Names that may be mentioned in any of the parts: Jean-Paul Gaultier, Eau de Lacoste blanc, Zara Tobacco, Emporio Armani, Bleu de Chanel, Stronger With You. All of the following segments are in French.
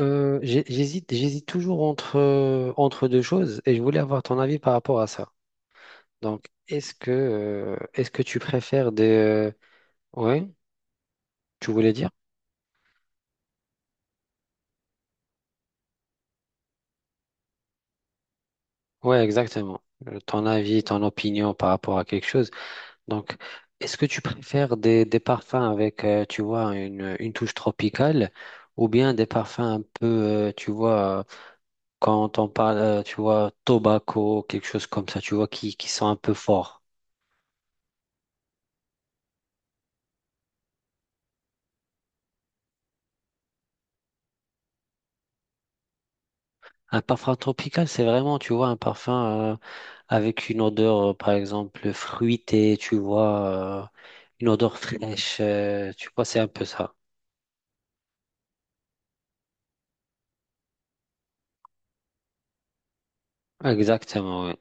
J'hésite toujours entre deux choses et je voulais avoir ton avis par rapport à ça. Donc, est-ce que tu préfères ouais, tu voulais dire? Ouais, exactement. Ton avis, ton opinion par rapport à quelque chose. Donc, est-ce que tu préfères des parfums avec, tu vois, une touche tropicale ou bien des parfums un peu, tu vois, quand on parle, tu vois, tobacco, quelque chose comme ça, tu vois, qui sont un peu forts? Un parfum tropical, c'est vraiment, tu vois, un parfum avec une odeur, par exemple, fruitée, tu vois, une odeur fraîche, tu vois, c'est un peu ça. Exactement, ouais.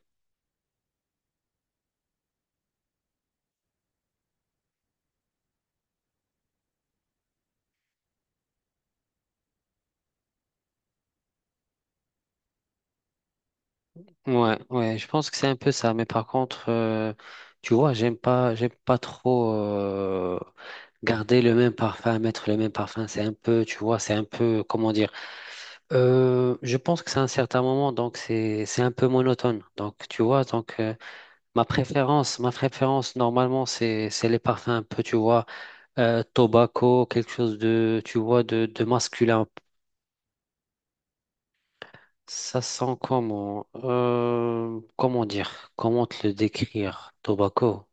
Ouais, ouais, je pense que c'est un peu ça. Mais par contre, tu vois, j'aime pas trop garder le même parfum, mettre le même parfum. C'est un peu, tu vois, c'est un peu, comment dire. Je pense que c'est un certain moment, donc c'est un peu monotone. Donc, tu vois, ma préférence normalement c'est les parfums un peu, tu vois, tobacco, quelque chose de, tu vois, de masculin. Ça sent comment? Comment dire, comment te le décrire, tobacco?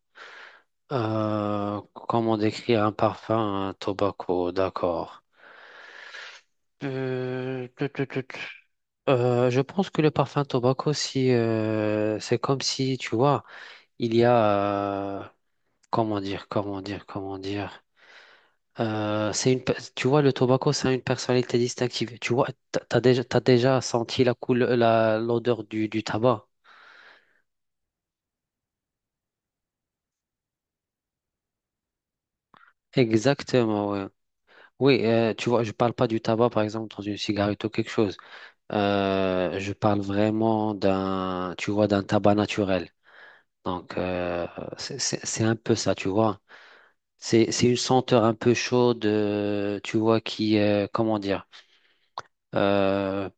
Comment décrire un parfum, un tobacco? D'accord. Tut, tut, tut. Je pense que le parfum tobacco, si c'est comme si, tu vois, il y a comment dire. C'est tu vois, le tobacco, c'est une personnalité distinctive. Tu vois, t'as déjà senti la couleur, l'odeur du tabac. Exactement, ouais. Oui, tu vois, je parle pas du tabac, par exemple, dans une cigarette ou quelque chose. Je parle vraiment d'un, tu vois, d'un tabac naturel. Donc, c'est un peu ça, tu vois. C'est une senteur un peu chaude, tu vois, qui, comment dire? Euh,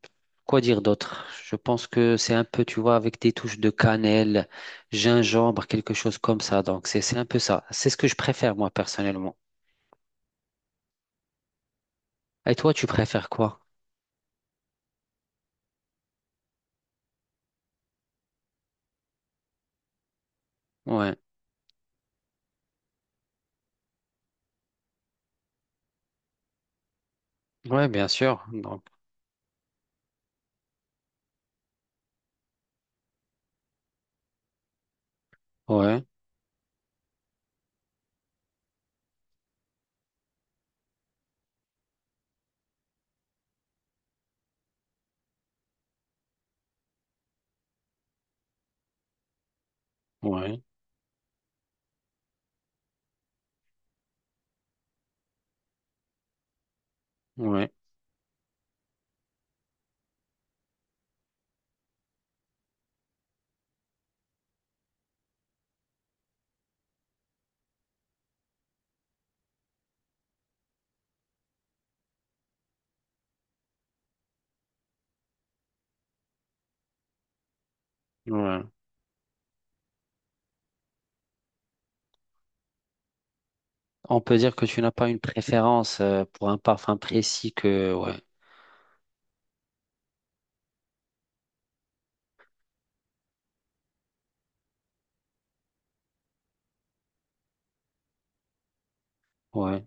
quoi dire d'autre? Je pense que c'est un peu, tu vois, avec des touches de cannelle, gingembre, quelque chose comme ça. Donc, c'est un peu ça. C'est ce que je préfère, moi, personnellement. Et toi, tu préfères quoi? Ouais. Ouais, bien sûr. Donc, ouais, ouais, ouais, ouais. On peut dire que tu n'as pas une préférence, pour un parfum précis que, ouais, ouais,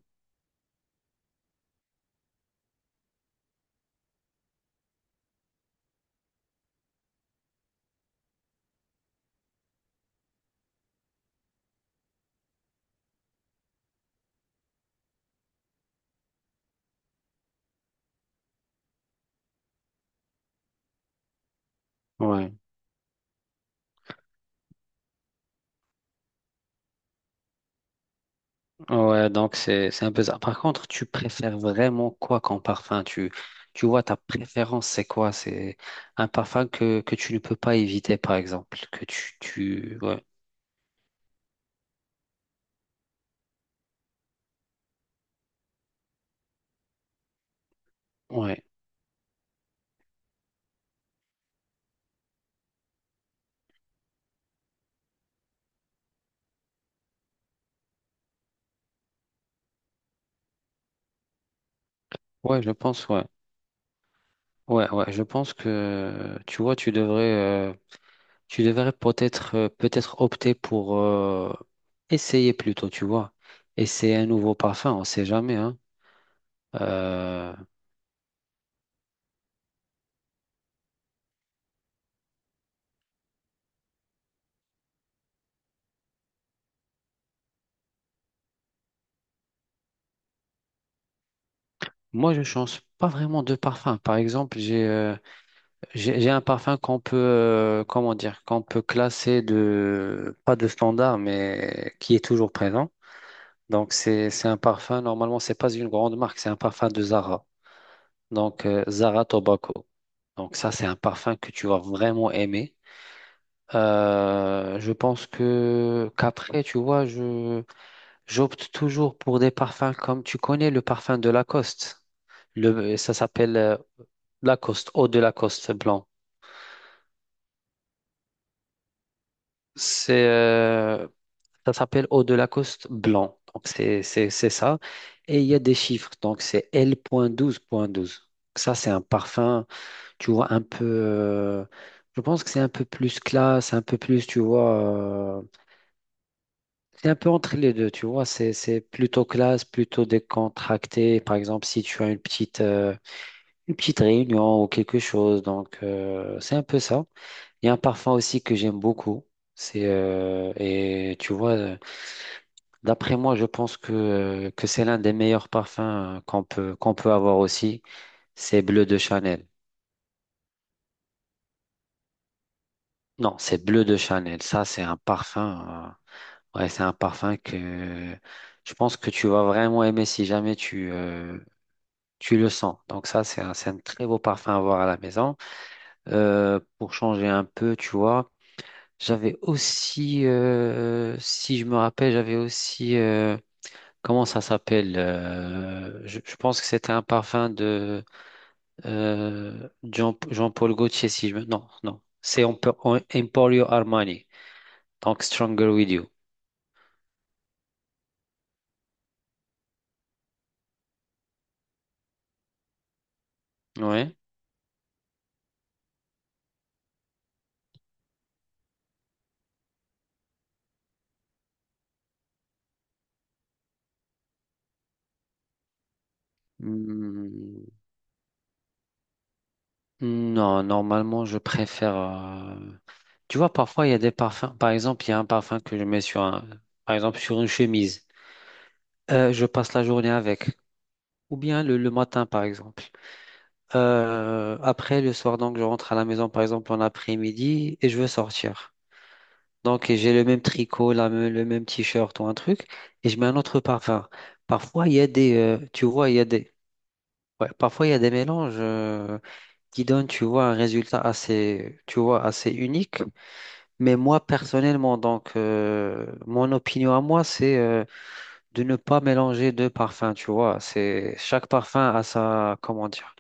ouais. Ouais, donc c'est un peu ça. Par contre, tu préfères vraiment quoi comme parfum? Tu vois, ta préférence, c'est quoi? C'est un parfum que tu ne peux pas éviter, par exemple, que tu tu ouais, ouais, ouais, je pense. Ouais, ouais, ouais, je pense que, tu vois, tu devrais peut-être opter pour, essayer plutôt, tu vois, essayer un nouveau parfum, on sait jamais, hein. Euh, Moi, je change pas vraiment de parfum. Par exemple, j'ai un parfum qu'on peut, comment dire, qu'on peut classer de, pas de standard, mais qui est toujours présent. Donc, c'est un parfum, normalement, c'est pas une grande marque, c'est un parfum de Zara. Donc, Zara Tobacco. Donc, ça, c'est un parfum que tu vas vraiment aimer. Je pense que, qu'après, tu vois, j'opte toujours pour des parfums comme, tu connais le parfum de Lacoste. Ça s'appelle Lacoste, eau de Lacoste blanc. C'est, euh, Ça s'appelle Eau de Lacoste blanc. Donc, c'est ça. Et il y a des chiffres. Donc, c'est L point point 12 point 12. Ça, c'est un parfum, tu vois, un peu. Je pense que c'est un peu plus classe, un peu plus, tu vois. C'est un peu entre les deux, tu vois. C'est plutôt classe, plutôt décontracté. Par exemple, si tu as une petite réunion ou quelque chose. Donc, c'est un peu ça. Il y a un parfum aussi que j'aime beaucoup. C'est. Et tu vois. D'après moi, je pense que, c'est l'un des meilleurs parfums, qu'on peut avoir aussi. C'est Bleu de Chanel. Non, c'est Bleu de Chanel. Ça, c'est un parfum. Ouais, c'est un parfum que je pense que tu vas vraiment aimer si jamais tu le sens. Donc ça, c'est un très beau parfum à avoir à la maison. Pour changer un peu, tu vois. J'avais aussi, si je me rappelle, j'avais aussi, comment ça s'appelle? Je pense que c'était un parfum de... Jean-Paul Gaultier, si je me... Non, non. C'est Emporio Armani. Donc, Stronger With You. Ouais. Hmm, non, normalement, tu vois, parfois, il y a des parfums. Par exemple, il y a un parfum que je mets Par exemple, sur une chemise. Je passe la journée avec. Ou bien le matin, par exemple. Après, le soir, donc, je rentre à la maison, par exemple, en après-midi, et je veux sortir. Donc, et j'ai le même tricot, le même t-shirt ou un truc, et je mets un autre parfum. Parfois, il y a des, tu vois, il y a des, ouais, parfois, il y a des mélanges, qui donnent, tu vois, un résultat assez, tu vois, assez unique. Mais moi, personnellement, donc, mon opinion à moi, c'est de ne pas mélanger deux parfums, tu vois. C'est, chaque parfum a sa, comment dire,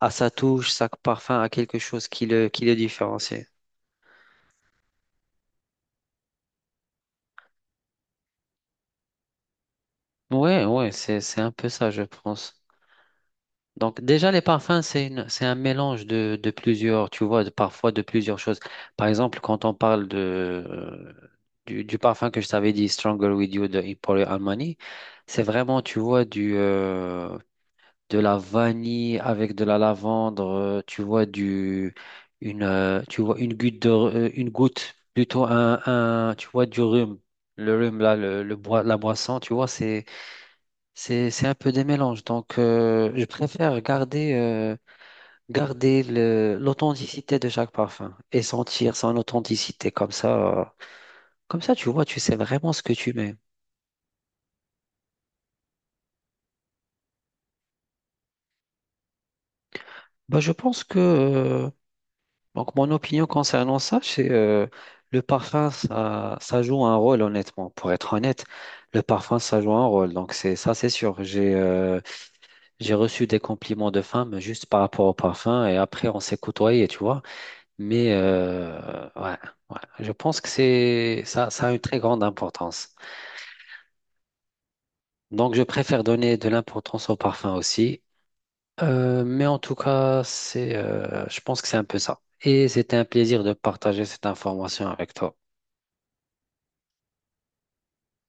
a sa touche, chaque parfum a quelque chose qui le différencie. Ouais, ouais, c'est un peu ça, je pense. Donc déjà, les parfums, c'est un mélange de plusieurs, tu vois, parfois de plusieurs choses. Par exemple, quand on parle du parfum que je t'avais dit, Stronger With You de Emporio Armani, c'est vraiment, tu vois, de la vanille avec de la lavande, tu vois, du, une goutte une goutte, plutôt tu vois, du rhum. Le rhum, là, la boisson, tu vois, c'est... C'est un peu des mélanges. Donc, je préfère garder l'authenticité de chaque parfum et sentir son authenticité. Comme ça, tu vois, tu sais vraiment ce que tu mets. Bah, je pense que, donc, mon opinion concernant ça, c'est le parfum, ça joue un rôle, honnêtement. Pour être honnête, le parfum, ça joue un rôle. Donc, c'est ça, c'est sûr. J'ai reçu des compliments de femmes juste par rapport au parfum et après, on s'est côtoyé, tu vois. Mais ouais, ouais, je pense que c'est ça, ça a une très grande importance. Donc je préfère donner de l'importance au parfum aussi. Mais en tout cas, je pense que c'est un peu ça. Et c'était un plaisir de partager cette information avec toi.